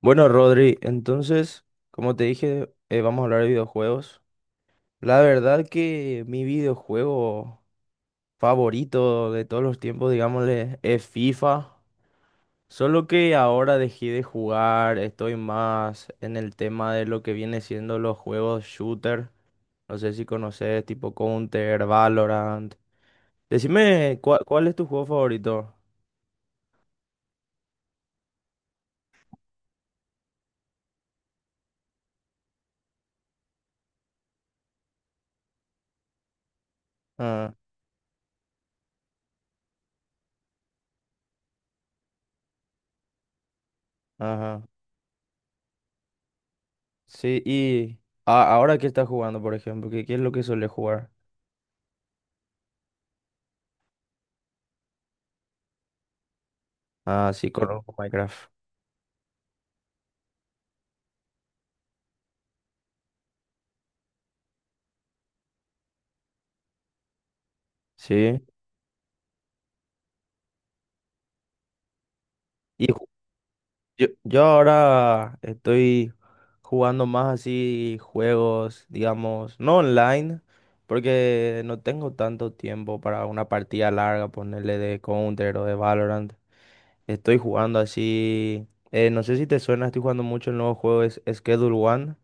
Bueno, Rodri, entonces, como te dije, vamos a hablar de videojuegos. La verdad que mi videojuego favorito de todos los tiempos, digámosle, es FIFA. Solo que ahora dejé de jugar, estoy más en el tema de lo que viene siendo los juegos shooter. No sé si conoces, tipo Counter, Valorant. Decime, ¿cuál es tu juego favorito? Ah, ajá. Sí, y ahora qué estás jugando, por ejemplo, ¿qué es lo que suele jugar? Ah, sí, conozco Minecraft. Sí. Y ju- yo ahora estoy jugando más así juegos, digamos, no online, porque no tengo tanto tiempo para una partida larga, ponerle de Counter o de Valorant. Estoy jugando así, no sé si te suena, estoy jugando mucho el nuevo juego es Schedule One,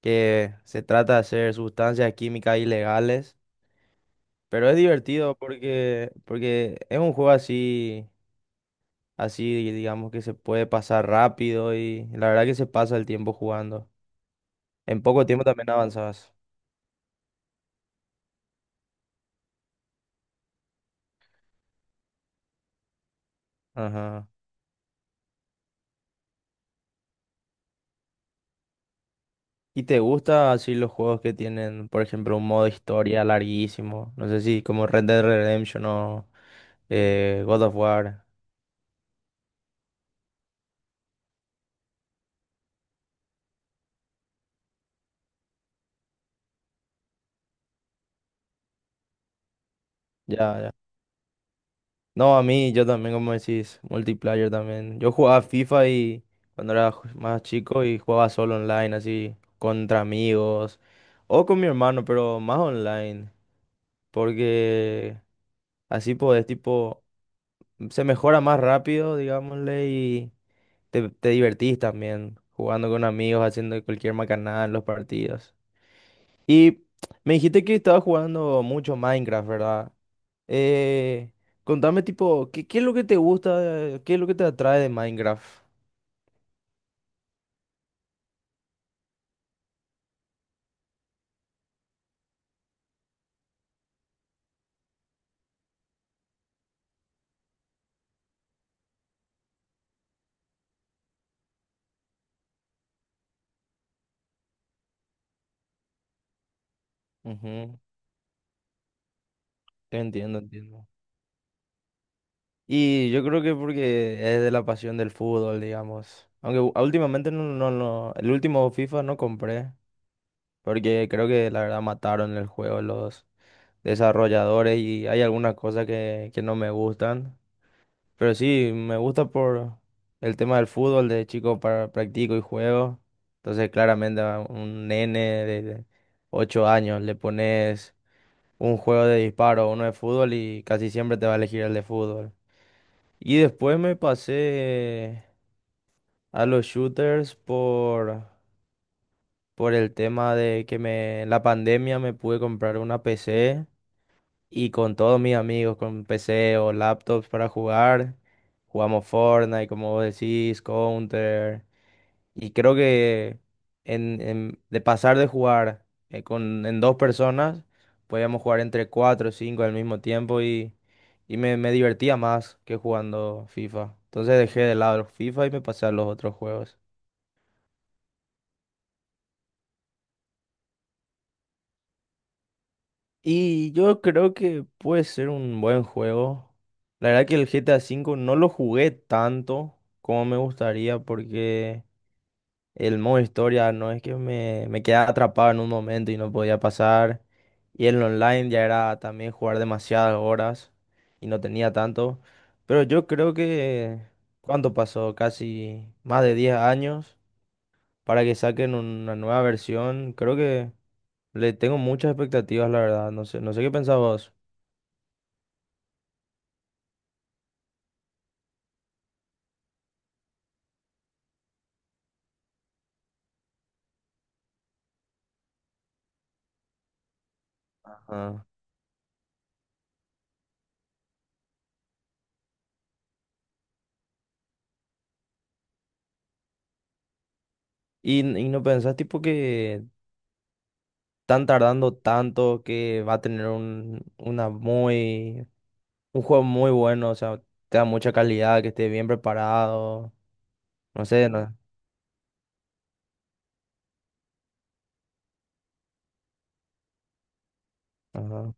que se trata de hacer sustancias químicas ilegales, pero es divertido porque es un juego así. Así digamos que se puede pasar rápido y la verdad que se pasa el tiempo jugando. En poco tiempo también avanzas. Ajá. ¿Y te gusta así los juegos que tienen, por ejemplo, un modo historia larguísimo? No sé si como Red Dead Redemption o God of War. Ya, ya. No, a mí yo también, como decís, multiplayer también. Yo jugaba FIFA y cuando era más chico y jugaba solo online, así, contra amigos o con mi hermano, pero más online. Porque así podés, tipo, se mejora más rápido, digámosle, y te divertís también jugando con amigos, haciendo cualquier macanada en los partidos. Y me dijiste que estabas jugando mucho Minecraft, ¿verdad? Eh, contame, tipo, ¿qué es lo que te gusta, qué es lo que te atrae de Minecraft? Ujú. Entiendo, entiendo. Y yo creo que porque es de la pasión del fútbol, digamos. Aunque últimamente no, el último FIFA no compré. Porque creo que la verdad mataron el juego los desarrolladores y hay algunas cosas que no me gustan. Pero sí, me gusta por el tema del fútbol, de chico para, practico y juego. Entonces claramente a un nene de 8 años le pones un juego de disparo, uno de fútbol y casi siempre te va a elegir el de fútbol. Y después me pasé a los shooters por el tema de que me, en la pandemia me pude comprar una PC. Y con todos mis amigos, con PC o laptops para jugar, jugamos Fortnite, como vos decís, Counter. Y creo que de pasar de jugar en dos personas, podíamos jugar entre cuatro o cinco al mismo tiempo y, me divertía más que jugando FIFA. Entonces dejé de lado el FIFA y me pasé a los otros juegos. Y yo creo que puede ser un buen juego. La verdad que el GTA V no lo jugué tanto como me gustaría porque el modo historia no es que me quedaba atrapado en un momento y no podía pasar. Y el online ya era también jugar demasiadas horas y no tenía tanto. Pero yo creo que, ¿cuánto pasó? Casi más de 10 años para que saquen una nueva versión. Creo que le tengo muchas expectativas, la verdad. No sé, no sé qué pensabas. Ah, y, no pensás tipo que están tardando tanto que va a tener un juego muy bueno, o sea, te da mucha calidad, que esté bien preparado, no sé, ajá.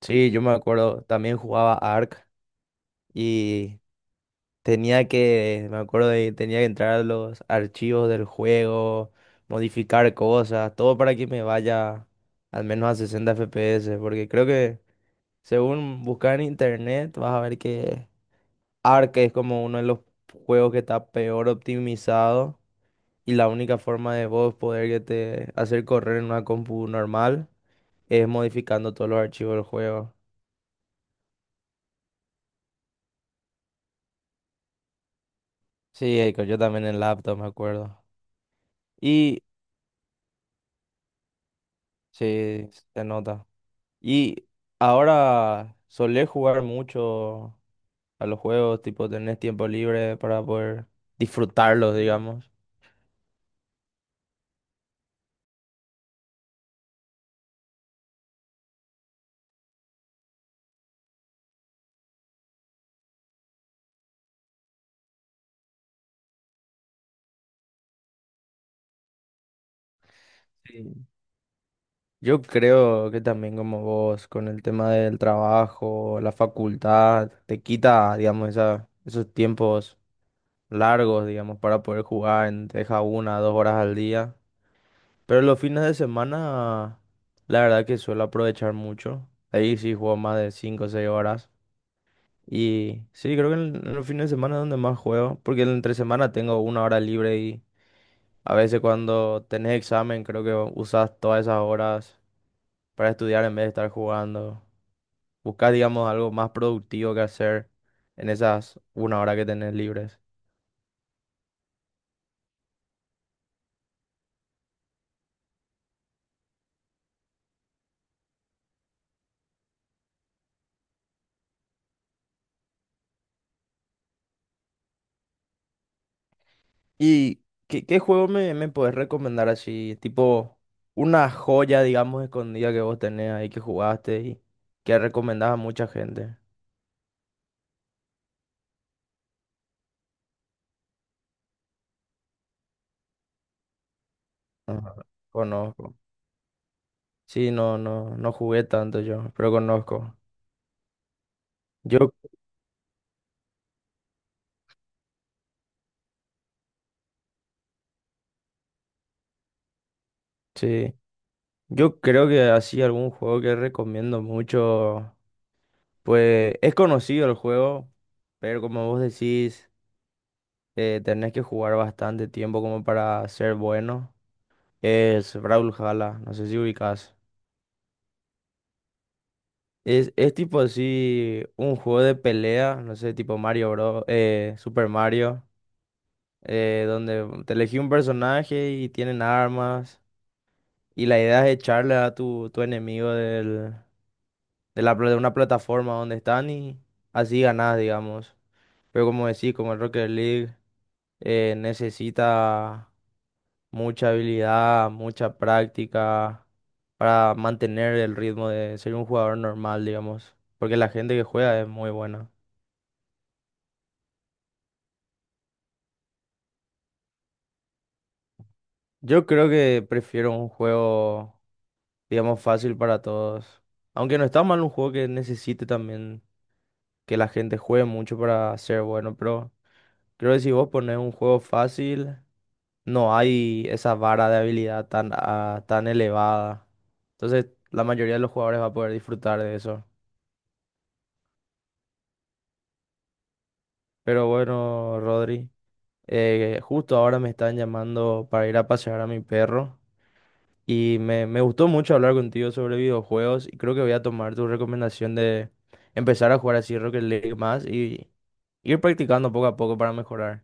Sí, yo me acuerdo, también jugaba Ark y tenía que, me acuerdo de, tenía que entrar a los archivos del juego, modificar cosas, todo para que me vaya al menos a 60 FPS, porque creo que según buscar en internet vas a ver que Ark es como uno de los juegos que está peor optimizado y la única forma de vos poder que te hacer correr en una compu normal es modificando todos los archivos del juego. Sí, Eiko, yo también en laptop me acuerdo. Y sí, se nota. Y ahora solés jugar mucho a los juegos, tipo tenés tiempo libre para poder disfrutarlos, digamos. Sí. Yo creo que también como vos, con el tema del trabajo, la facultad, te quita, digamos, esa, esos tiempos largos, digamos, para poder jugar, te deja una, dos horas al día. Pero los fines de semana, la verdad que suelo aprovechar mucho. Ahí sí juego más de cinco o seis horas. Y sí, creo que en los fines de semana es donde más juego, porque en entre semana tengo una hora libre y a veces cuando tenés examen creo que usas todas esas horas para estudiar en vez de estar jugando. Buscar, digamos, algo más productivo que hacer en esas una hora que tenés libres. ¿Y qué juego me podés recomendar así? Tipo, una joya, digamos, escondida que vos tenés ahí que jugaste y que recomendás a mucha gente. Ajá, conozco. Sí, no jugué tanto yo, pero conozco. Yo, sí, yo creo que así algún juego que recomiendo mucho, pues es conocido el juego, pero como vos decís… tenés que jugar bastante tiempo como para ser bueno. Es Brawlhalla, no sé si ubicás. Es tipo así un juego de pelea, no sé, tipo Mario Bros, Super Mario, donde te elegí un personaje y tienen armas. Y la idea es echarle a tu enemigo del, de, la, pla- de una plataforma donde están y así ganás, digamos. Pero como decís, como el Rocket League necesita mucha habilidad, mucha práctica para mantener el ritmo de ser un jugador normal, digamos, porque la gente que juega es muy buena. Yo creo que prefiero un juego, digamos, fácil para todos. Aunque no está mal un juego que necesite también que la gente juegue mucho para ser bueno, pero creo que si vos pones un juego fácil, no hay esa vara de habilidad tan elevada. Entonces, la mayoría de los jugadores va a poder disfrutar de eso. Pero bueno, Rodri, justo ahora me están llamando para ir a pasear a mi perro y me gustó mucho hablar contigo sobre videojuegos y creo que voy a tomar tu recomendación de empezar a jugar así Rocket League más y ir practicando poco a poco para mejorar.